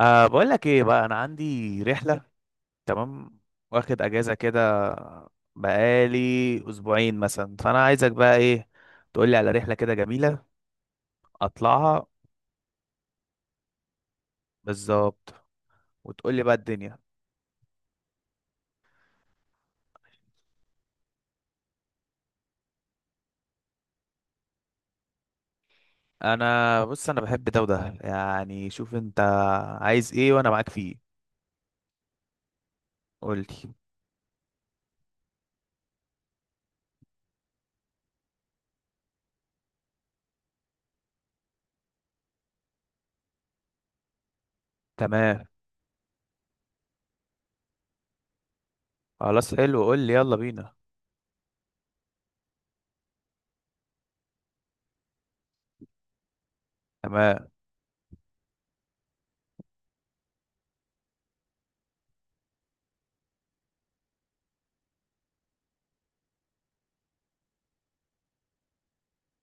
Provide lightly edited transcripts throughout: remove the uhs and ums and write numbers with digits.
أه، بقول لك ايه بقى؟ انا عندي رحله، تمام، واخد اجازه كده، بقالي اسبوعين مثلا. فانا عايزك بقى ايه، تقول لي على رحله كده جميله اطلعها. بالظبط، وتقول لي بقى الدنيا. انا بص، انا بحب ده وده، يعني شوف انت عايز ايه وانا معاك فيه. قول لي. تمام. خلاص، حلو، قول لي، يلا بينا. تمام.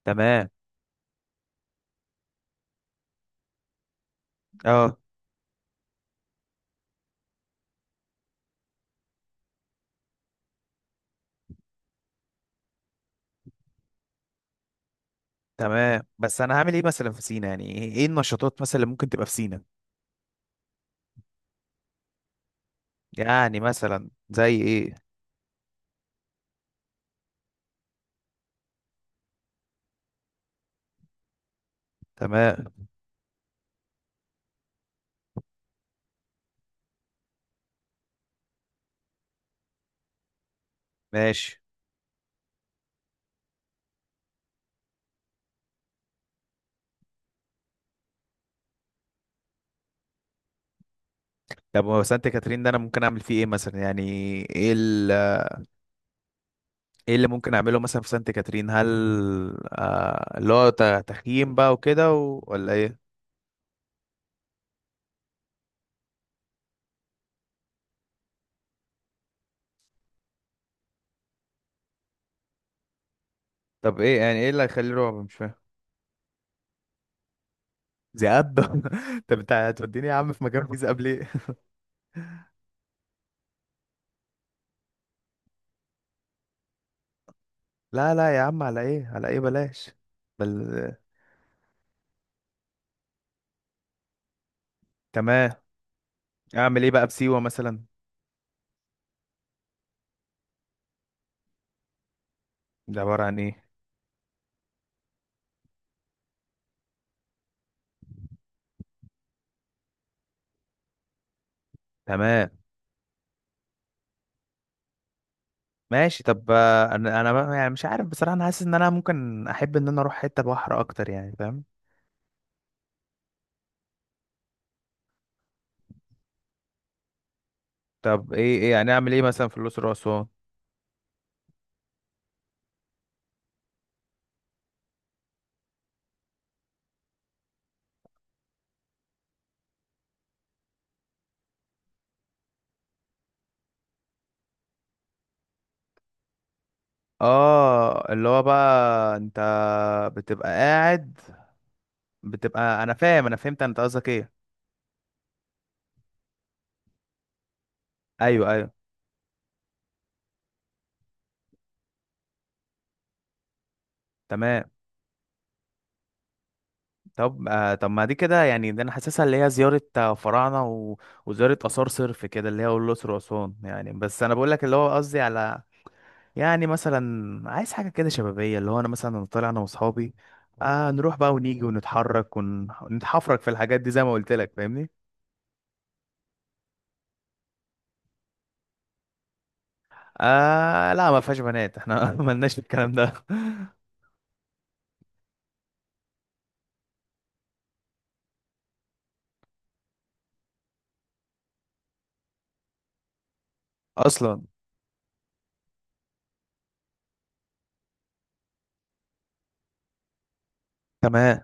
تمام. اه. تمام، بس انا هعمل ايه مثلا في سينا؟ يعني ايه إيه النشاطات مثلا اللي ممكن تبقى في سينا؟ يعني مثلا زي ايه؟ تمام. ماشي. طب هو سانت كاترين ده انا ممكن اعمل فيه ايه مثلا؟ يعني ايه ال- ايه اللي ممكن اعمله مثلا في سانت كاترين؟ هل آه اللي هو تخييم بقى وكده ولا ايه؟ طب ايه يعني، ايه اللي هيخليه رعب؟ مش فاهم. ذئاب؟ طب انت هتوديني يا عم في مكان فيه ذئاب ليه؟ لا لا يا عم، على ايه، على ايه، بلاش. بل. تمام. اعمل ايه بقى بسيوة مثلا؟ ده عبارة عن ايه؟ تمام. ماشي. طب انا بقى- يعني مش عارف بصراحه، انا حاسس ان انا ممكن احب ان انا اروح حته بحر اكتر، يعني فاهم؟ طب ايه، ايه يعني، اعمل ايه مثلا في الاقصر واسوان؟ اه اللي هو بقى انت بتبقى قاعد، بتبقى- انا فاهم، انا فهمت انت قصدك ايه. ايوه ايوه. تمام. طب آه، طب ما دي كده يعني، ده انا حاسسها اللي هي زياره فراعنه وزياره اثار صرف كده، اللي هي الاقصر واسوان يعني. بس انا بقول لك اللي هو قصدي على، يعني مثلا عايز حاجة كده شبابية، اللي هو أنا مثلا طالع أنا وأصحابي، آه، نروح بقى ونيجي ونتحرك ونتحفرك في الحاجات دي، زي ما قلت لك فاهمني. آه لا، ما فيهاش بنات احنا، ملناش في الكلام ده. أصلا. تمام.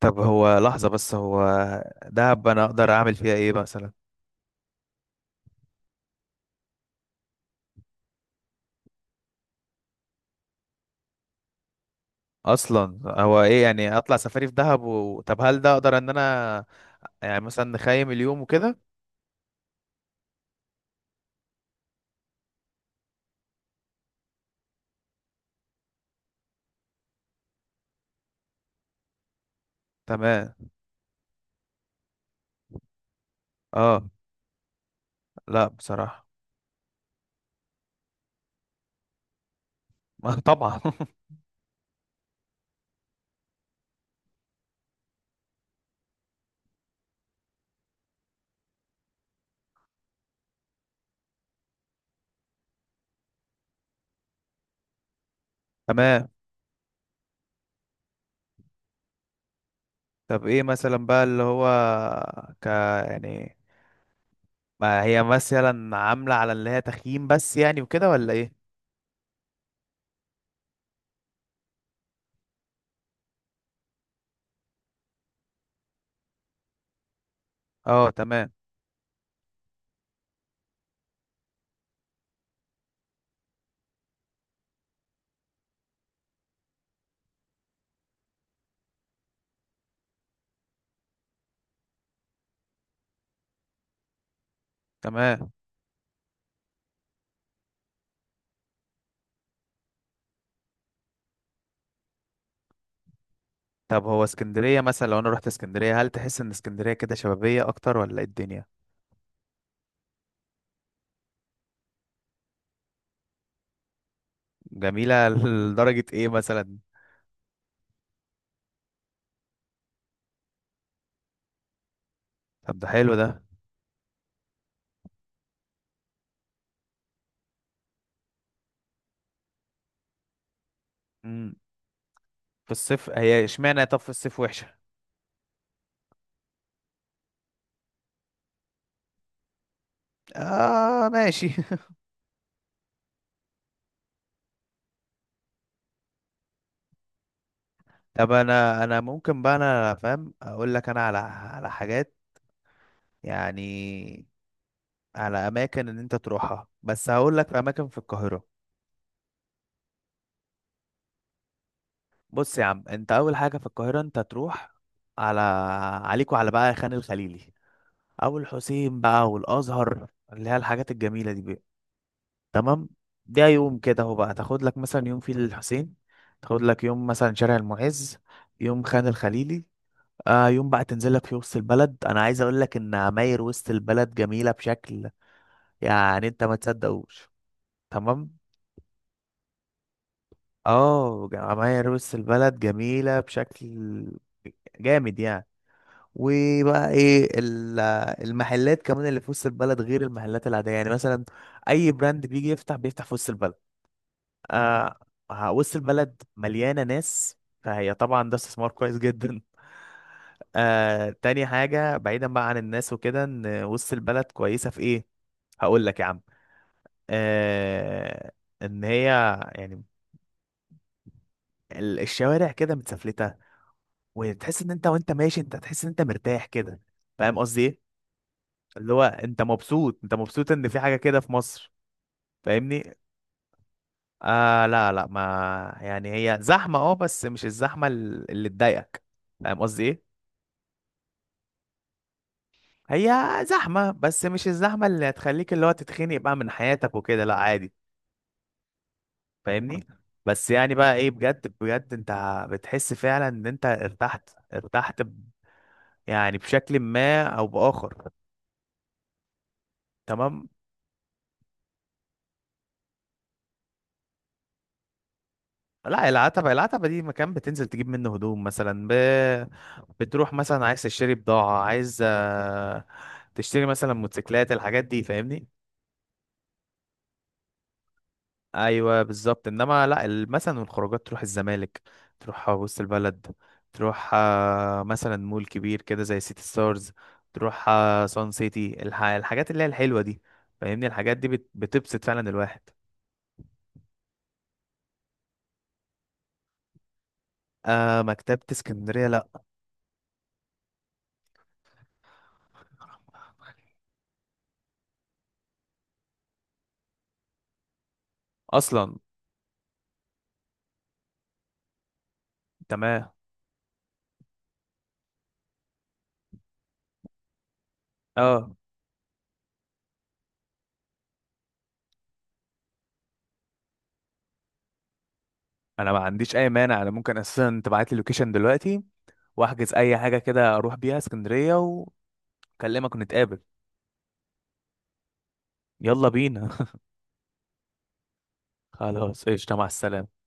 طب هو لحظة بس، هو دهب أنا أقدر أعمل فيها إيه مثلا؟ أصلا هو إيه يعني أطلع سفاري في دهب طب هل ده أقدر إن أنا يعني مثلا نخيم اليوم وكده؟ تمام. اه. لا بصراحة. طبعا. تمام. طب ايه مثلا بقى اللي هو، ك، يعني ما هي مثلا عاملة على اللي هي تخييم بس يعني وكده ولا ايه؟ اه تمام. تمام. طب هو اسكندرية مثلا لو انا رحت اسكندرية، هل تحس ان اسكندرية كده شبابية اكتر ولا ايه الدنيا؟ جميلة؟ لدرجة ايه مثلا؟ طب ده حلو ده. امم في الصيف؟ هي اشمعنى طب في الصيف وحشة؟ اه ماشي. طب انا، انا ممكن بقى انا فاهم اقول لك انا على، على حاجات يعني، على اماكن ان انت تروحها. بس هقول لك في اماكن في القاهره. بص يا عم، انت اول حاجه في القاهره انت تروح على، عليك وعلى بقى خان الخليلي، او الحسين بقى والازهر، اللي هي الحاجات الجميله دي بقى. تمام. ده يوم كده اهو بقى، تاخد لك مثلا يوم في الحسين، تاخد لك يوم مثلا شارع المعز، يوم خان الخليلي. آه، يوم بقى تنزل لك في وسط البلد. انا عايز اقول لك ان عماير وسط البلد جميله بشكل يعني انت ما تصدقوش. تمام. اه، جمعية روس البلد جميلة بشكل جامد يعني. وبقى المحلات كمان اللي في وسط البلد غير المحلات العادية، يعني مثلا اي براند بيجي يفتح، بيفتح في وسط البلد. آه. وسط البلد مليانة ناس، فهي طبعا ده استثمار كويس جدا. آه، تاني حاجة بعيدا بقى عن الناس وكده، ان وسط البلد كويسة في ايه، هقول لك يا عم. آه، ان هي يعني الشوارع كده متسفلتة، وتحس ان انت وانت ماشي انت تحس ان انت مرتاح كده، فاهم قصدي ايه؟ اللي هو انت مبسوط، انت مبسوط ان في حاجه كده في مصر. فاهمني؟ آه لا لا، ما يعني هي زحمه اه، بس مش اللي تضايقك، فاهم قصدي ايه؟ هي زحمه، بس مش الزحمه اللي هتخليك اللي هو تتخنق بقى من حياتك وكده، لا عادي. فاهمني؟ بس يعني بقى ايه، بجد بجد انت بتحس فعلا ان انت ارتحت، يعني بشكل ما او باخر. تمام. لا، العتبة، العتبة دي مكان بتنزل تجيب منه هدوم مثلا، بتروح مثلا عايز تشتري بضاعة، عايز تشتري مثلا موتوسيكلات، الحاجات دي، فاهمني؟ ايوه بالظبط. انما لا، مثلا الخروجات تروح الزمالك، تروح وسط البلد، تروح مثلا مول كبير كده زي سيتي ستارز، تروح سان سيتي، الحاجات اللي هي الحلوة دي، فاهمني؟ الحاجات دي بتبسط فعلا الواحد. آه، مكتبة اسكندرية، لا. اصلا. تمام. اه انا ما عنديش اي مانع، انا ممكن اساسا تبعت لي اللوكيشن دلوقتي واحجز اي حاجه كده اروح بيها اسكندريه واكلمك ونتقابل. يلا بينا. خلاص قشطه، مع السلامه.